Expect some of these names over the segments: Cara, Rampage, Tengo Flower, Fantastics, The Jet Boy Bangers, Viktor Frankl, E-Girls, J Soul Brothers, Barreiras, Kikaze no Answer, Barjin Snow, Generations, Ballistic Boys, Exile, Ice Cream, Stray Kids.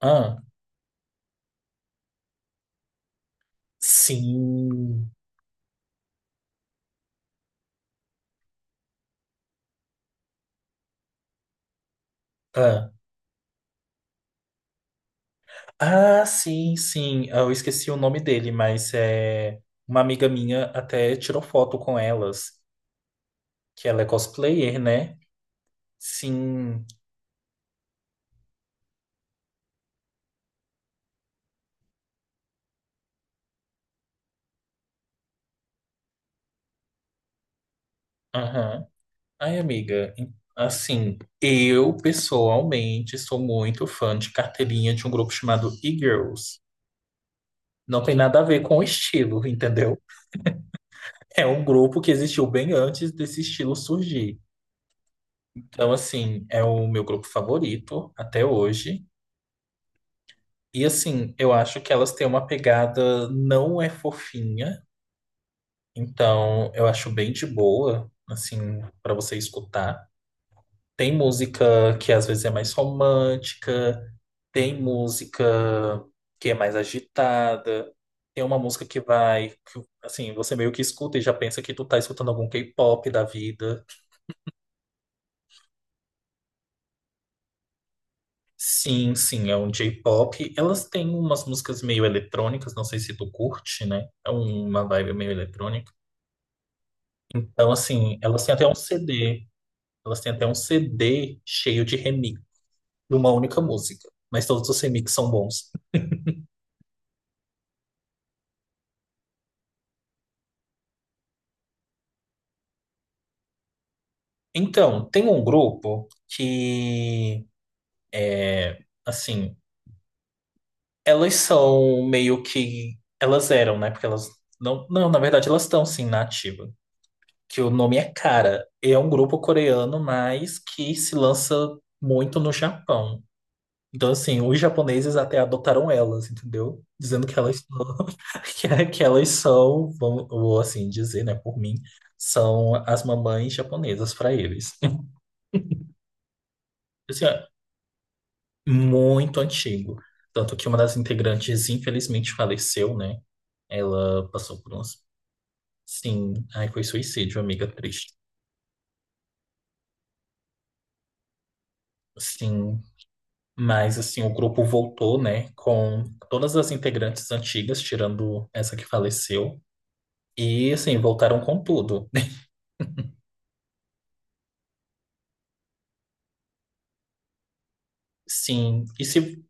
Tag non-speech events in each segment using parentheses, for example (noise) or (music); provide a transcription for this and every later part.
Ah, sim. Ah, sim, sim. Ah, eu esqueci o nome dele, mas é uma amiga minha até tirou foto com elas, que ela é cosplayer, né? Sim. Aham. Ai, amiga, assim, eu pessoalmente sou muito fã de carteirinha de um grupo chamado E-Girls. Não tem nada a ver com o estilo, (laughs) entendeu? É um grupo que existiu bem antes desse estilo surgir. Então, assim, é o meu grupo favorito até hoje. E assim, eu acho que elas têm uma pegada não é fofinha, então eu acho bem de boa, assim, pra você escutar. Tem música que às vezes é mais romântica, tem música que é mais agitada, tem uma música que vai, que, assim, você meio que escuta e já pensa que tu tá escutando algum K-pop da vida. Sim, sim, é um J-pop. Elas têm umas músicas meio eletrônicas, não sei se tu curte, né? É uma vibe meio eletrônica. Então, assim, elas têm até um CD. Elas têm até um CD cheio de remix de uma única música. Mas todos os remixes são bons. Então, tem um grupo que, é, assim, elas são meio que. Elas eram, né? Porque elas. Não, não, na verdade, elas estão, sim, na ativa. Que o nome é Cara. E é um grupo coreano, mas que se lança muito no Japão. Então, assim, os japoneses até adotaram elas, entendeu? Dizendo que elas são, (laughs) que elas são, vou assim dizer, né, por mim, são as mamães japonesas para eles. Assim, é muito antigo. Tanto que uma das integrantes, infelizmente, faleceu, né? Ela passou por uns. Sim, aí foi suicídio, amiga triste. Sim, mas assim, o grupo voltou, né, com todas as integrantes antigas, tirando essa que faleceu. E assim, voltaram com tudo. Sim,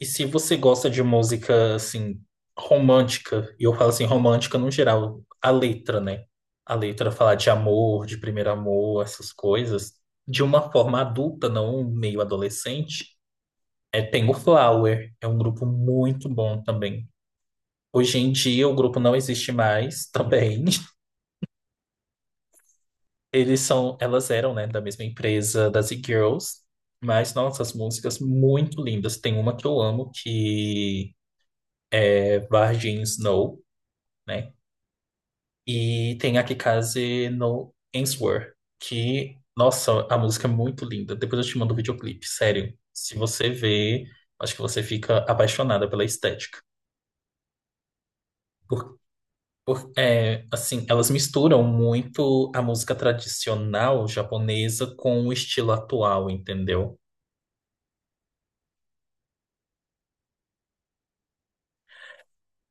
e se você gosta de música assim romântica, e eu falo assim romântica no geral, a letra, né? A letra falar de amor, de primeiro amor, essas coisas, de uma forma adulta, não meio adolescente, é Tengo Flower, é um grupo muito bom também. Hoje em dia o grupo não existe mais também. (laughs) Eles são, elas eram, né, da mesma empresa das E-Girls, mas nossa, as músicas muito lindas. Tem uma que eu amo que Barjin Snow, né? E tem a Kikaze no Answer, que, nossa, a música é muito linda. Depois eu te mando o videoclipe, sério. Se você vê, acho que você fica apaixonada pela estética. Por, é, assim, elas misturam muito a música tradicional japonesa com o estilo atual, entendeu?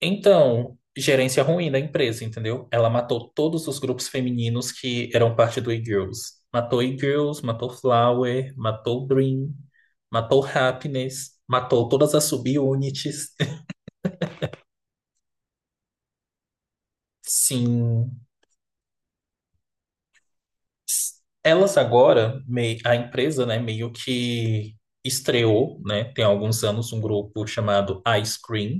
Então, gerência ruim da empresa, entendeu? Ela matou todos os grupos femininos que eram parte do E-Girls. Matou E-Girls, matou Flower, matou Dream, matou Happiness, matou todas as subunits. (laughs) Sim. Elas agora, a empresa, né, meio que estreou, né, tem alguns anos, um grupo chamado Ice Cream.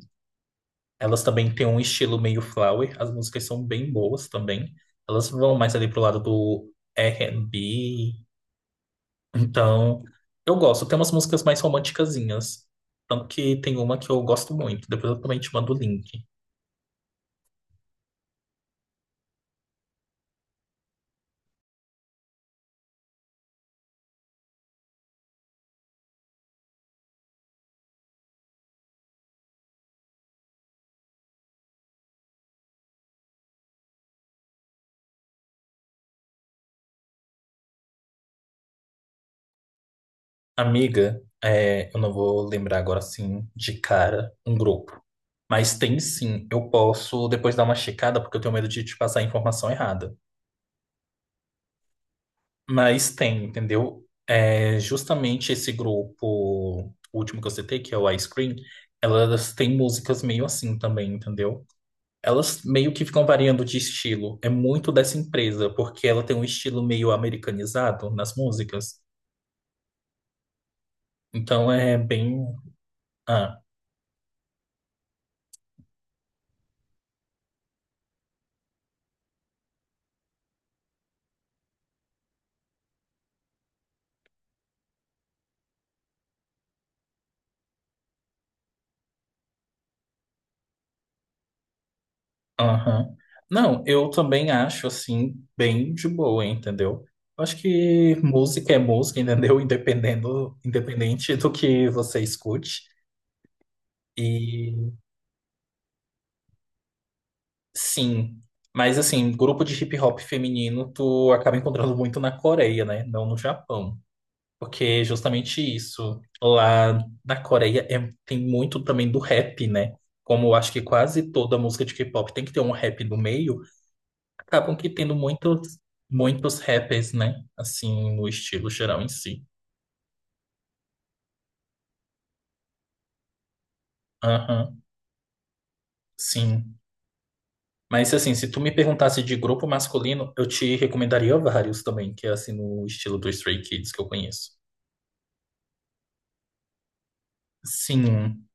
Elas também têm um estilo meio flower, as músicas são bem boas também. Elas vão mais ali pro lado do R&B. Então, eu gosto. Tem umas músicas mais romanticazinhas. Tanto que tem uma que eu gosto muito. Depois eu também te mando o link. Amiga, é, eu não vou lembrar agora assim de cara um grupo. Mas tem sim, eu posso depois dar uma checada porque eu tenho medo de te passar a informação errada. Mas tem, entendeu? É, justamente esse grupo último que eu citei, que é o Ice Cream, elas têm músicas meio assim também, entendeu? Elas meio que ficam variando de estilo. É muito dessa empresa, porque ela tem um estilo meio americanizado nas músicas. Então é bem. Ah, aham. Não, eu também acho assim, bem de boa, entendeu? Eu acho que música é música, (laughs) entendeu? Independendo, independente do que você escute. E sim, mas assim, grupo de hip hop feminino tu acaba encontrando muito na Coreia, né? Não no Japão. Porque justamente isso, lá na Coreia tem muito também do rap, né? Como eu acho que quase toda música de K-pop tem que ter um rap no meio, acabam que tendo muitos, muitos rappers, né? Assim, no estilo geral em si. Aham, sim. Mas assim, se tu me perguntasse de grupo masculino, eu te recomendaria vários também, que é assim no estilo do Stray Kids que eu conheço. Sim.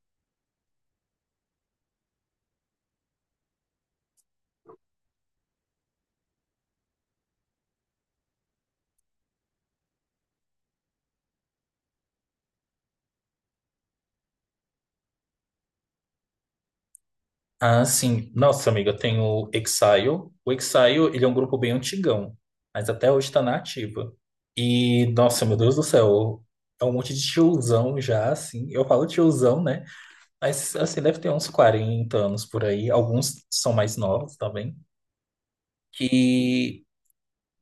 Ah, sim. Nossa, amiga, tem o Exile. O Exile, ele é um grupo bem antigão, mas até hoje tá na ativa. E, nossa, meu Deus do céu, é um monte de tiozão já, assim. Eu falo tiozão, né? Mas, assim, deve ter uns 40 anos por aí. Alguns são mais novos também. Que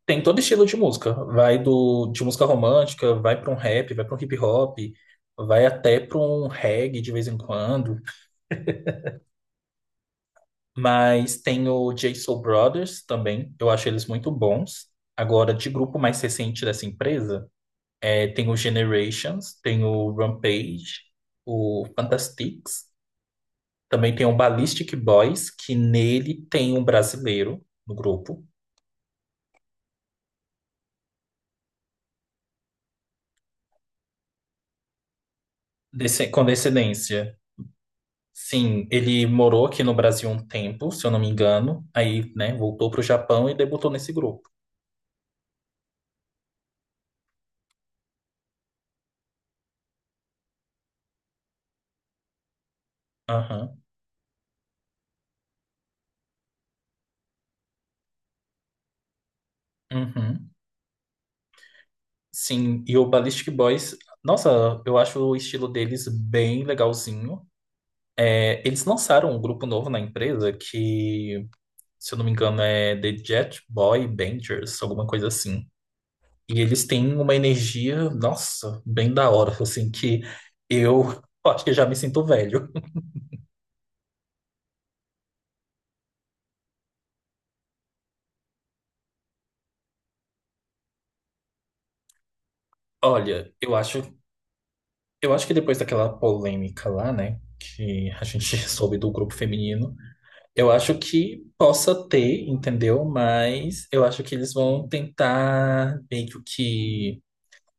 tem todo estilo de música. Vai do, de música romântica, vai pra um rap, vai pra um hip hop, vai até pra um reggae de vez em quando. Mas tem o J Soul Brothers também, eu acho eles muito bons. Agora, de grupo mais recente dessa empresa, é, tem o Generations, tem o Rampage, o Fantastics, também tem o Ballistic Boys, que nele tem um brasileiro no grupo. Desse, com descendência, sim, ele morou aqui no Brasil um tempo, se eu não me engano, aí, né, voltou para o Japão e debutou nesse grupo. Aham, uhum. Sim, e o Ballistic Boys, nossa, eu acho o estilo deles bem legalzinho. É, eles lançaram um grupo novo na empresa que, se eu não me engano, é The Jet Boy Bangers, alguma coisa assim. E eles têm uma energia, nossa, bem da hora, assim, que eu (laughs) acho que já me sinto velho. (laughs) Olha, eu acho que depois daquela polêmica lá, né, que a gente (laughs) soube do grupo feminino. Eu acho que possa ter, entendeu? Mas eu acho que eles vão tentar meio que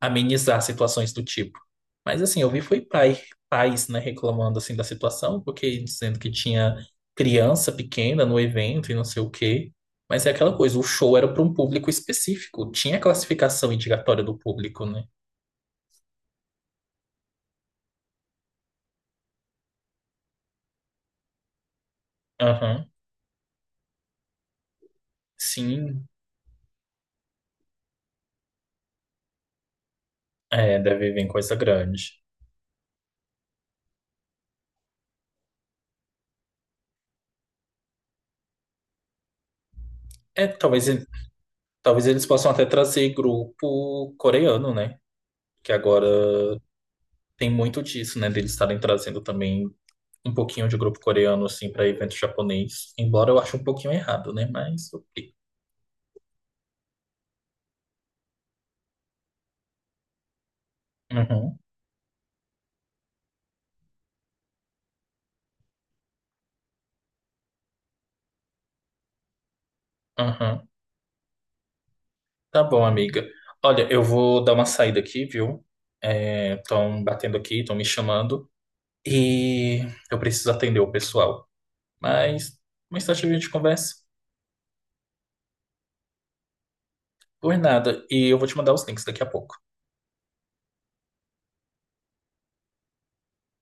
amenizar situações do tipo. Mas assim, eu vi foi pai, pais, né, reclamando assim da situação, porque dizendo que tinha criança pequena no evento e não sei o quê. Mas é aquela coisa, o show era para um público específico, tinha a classificação indicatória do público, né? Aham. Sim, é, deve vir coisa grande. É, talvez eles possam até trazer grupo coreano, né? Que agora tem muito disso, né, deles estarem trazendo também um pouquinho de grupo coreano, assim, para evento japonês. Embora eu ache um pouquinho errado, né, mas ok. Uhum, uhum. Tá bom, amiga. Olha, eu vou dar uma saída aqui, viu? Estão batendo aqui, estão me chamando. E eu preciso atender o pessoal. Mas mais tarde a gente conversa. Por nada. E eu vou te mandar os links daqui a pouco.